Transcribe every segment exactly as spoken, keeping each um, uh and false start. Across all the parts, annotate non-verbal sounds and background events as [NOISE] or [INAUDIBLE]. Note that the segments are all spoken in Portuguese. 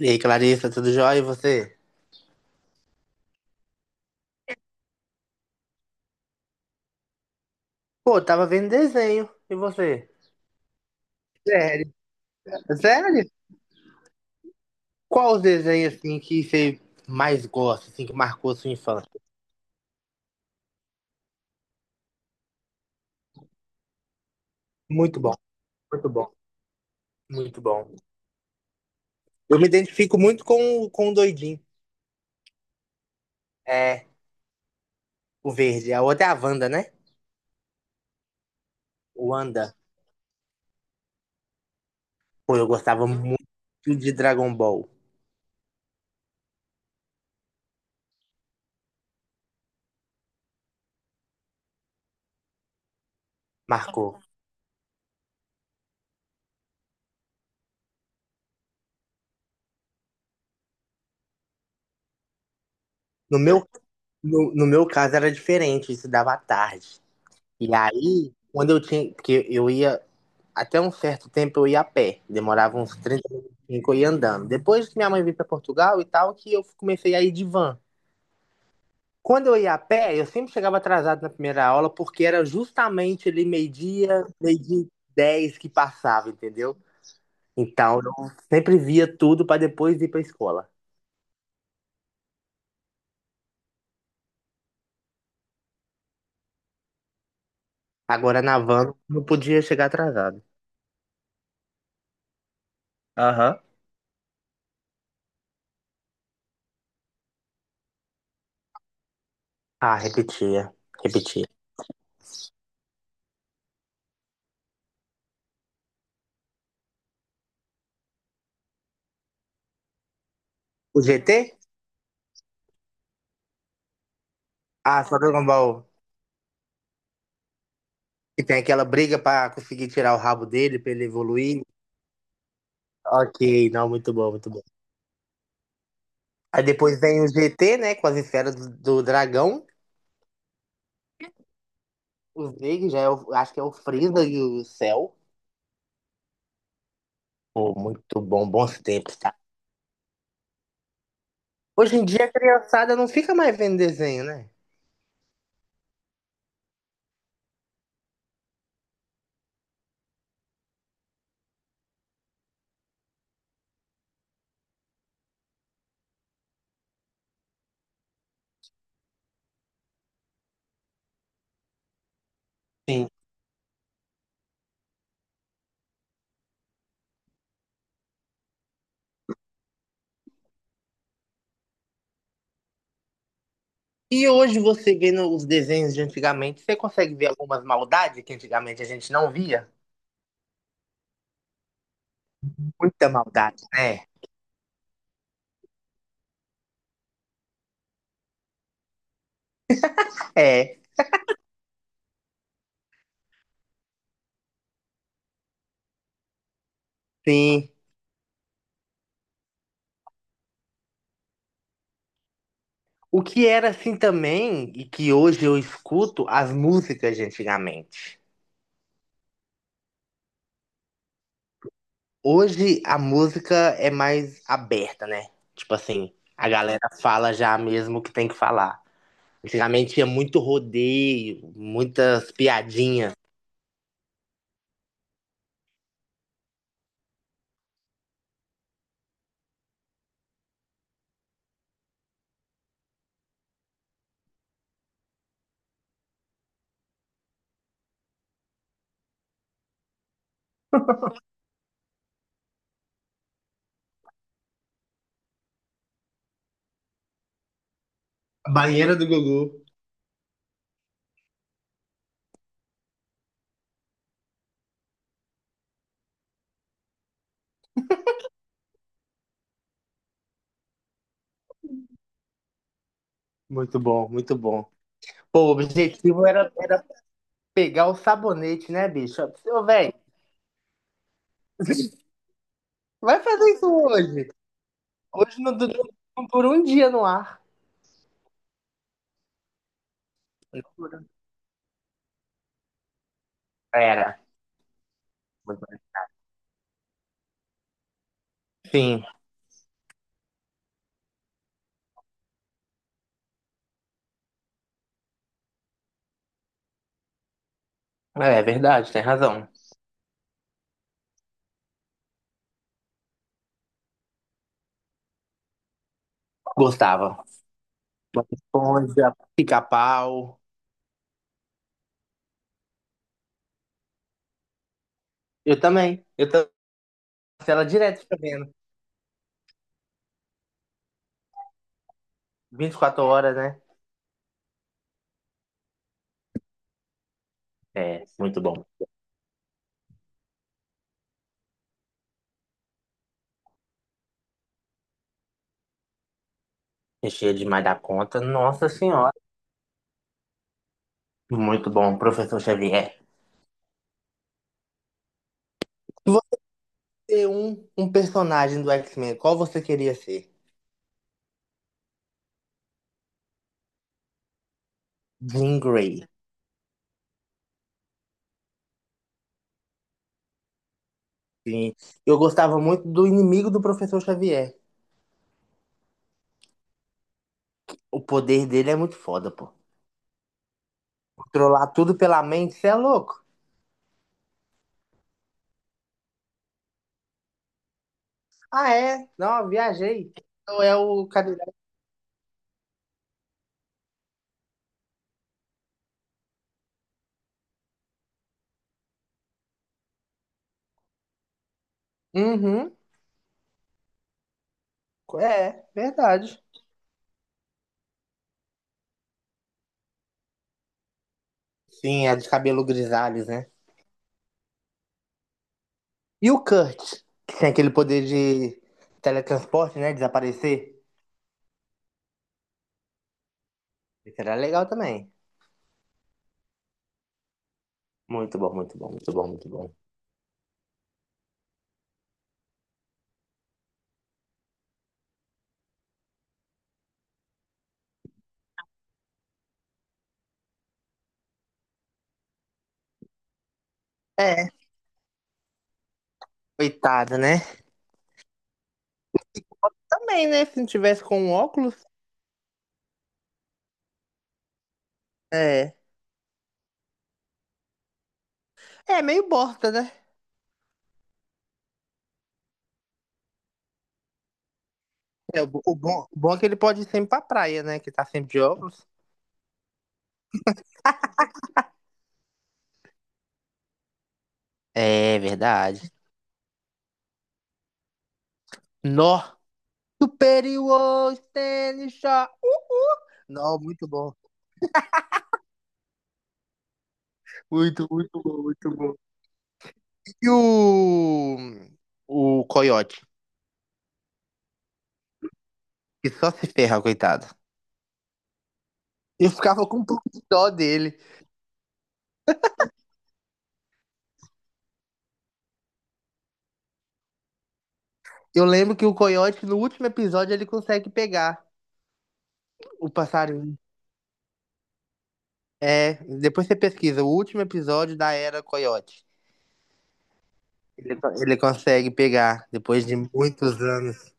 E aí, Clarissa, tudo jóia? E você? Pô, tava vendo desenho. E você? Sério? Sério? Qual os desenhos, assim, que você mais gosta, assim, que marcou sua infância? Muito bom, muito bom, muito bom. Eu me identifico muito com, o- com o doidinho. É, o verde. A outra é a Wanda, né? O Wanda. Pô, eu gostava muito de Dragon Ball. Marcou. No meu, no, no meu caso era diferente, isso dava à tarde. E aí, quando eu tinha. Porque eu ia. Até um certo tempo eu ia a pé, demorava uns trinta minutos que eu ia andando. Depois que minha mãe veio para Portugal e tal, que eu comecei a ir de van. Quando eu ia a pé, eu sempre chegava atrasado na primeira aula, porque era justamente ali meio-dia, meio-dia e dez que passava, entendeu? Então eu sempre via tudo para depois ir para escola. Agora na van não podia chegar atrasado. Aham. Ah, repetia, repetia. O G T? Ah, só Dragon Ball. Que tem aquela briga para conseguir tirar o rabo dele, para ele evoluir. Ok, não, muito bom, muito bom. Aí depois vem o G T, né, com as esferas do, do dragão. Os negros já é o, acho que é o Frieza e o Cell. Pô, muito bom, bons tempos, tá? Hoje em dia a criançada não fica mais vendo desenho, né? Sim. E hoje você vendo os desenhos de antigamente, você consegue ver algumas maldades que antigamente a gente não via? Muita maldade, né? É, sim. O que era assim também, e que hoje eu escuto, as músicas de antigamente. Hoje a música é mais aberta, né? Tipo assim, a galera fala já mesmo o que tem que falar. Antigamente tinha muito rodeio, muitas piadinhas. Banheira do Gugu. Muito bom, muito bom. Pô, o objetivo era, era pegar o sabonete, né, bicho? Ô, velho, [LAUGHS] vai fazer isso hoje. Hoje não, du- não- por um dia no ar. Era. Sim, é é verdade, tem razão. Gostava. Bob Esponja, pica-pau. Eu também. Eu tô ela direto fica vendo. Vinte e quatro horas, né? É, muito bom. Recheio demais da conta. Nossa Senhora. Muito bom, professor Xavier. Se você é um, um personagem do X-Men, qual você queria ser? Jean Grey. Sim. Eu gostava muito do inimigo do professor Xavier. O poder dele é muito foda, pô. Controlar tudo pela mente, você é louco? Ah, é? Não, viajei. Então é o cadeirante. Uhum. É, verdade. Sim, é de cabelo grisalhos, né? E o Kurt, que tem aquele poder de teletransporte, né? Desaparecer. Isso era legal também. Muito bom, muito bom, muito bom, muito bom. É, coitado, né? Também, né? Se não tivesse com um óculos. É. É meio bosta, né? É, o, o bom, o bom é que ele pode ir sempre pra praia, né? Que tá sempre de óculos. É verdade. Nó. Superior Stanley Shaw. Uhul. Nó, muito bom. Muito, muito bom, muito bom. E o. O Coyote, que só se ferra, coitado. Eu ficava com um pouco de dó dele. Eu lembro que o coiote, no último episódio, ele consegue pegar o passarinho. É, depois você pesquisa, o último episódio da Era Coiote. Ele, ele consegue pegar, depois de muitos anos.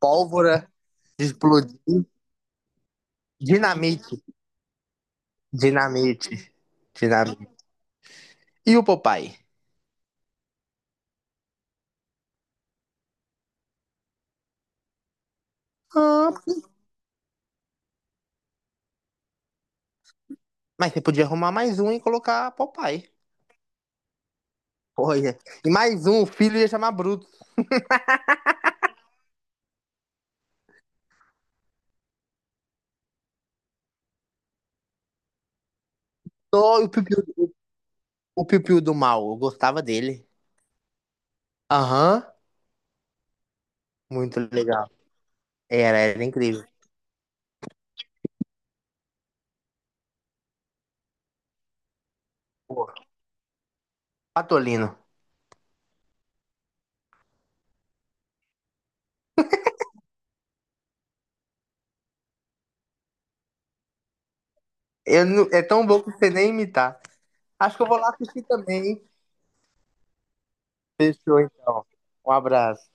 Pólvora de explodir. Dinamite. Dinamite. Dinamite. E o Popeye? Ah, mas você podia arrumar mais um e colocar Popeye. Olha. E mais um, o filho ia chamar Bruto. Só o piu-piu, o piu-piu do mal. Eu gostava dele. Aham. Muito legal. Era, era incrível. Pô, Patolino. Eu não- é tão bom que você nem imitar. Acho que eu vou lá assistir também. Hein? Fechou, então. Um abraço.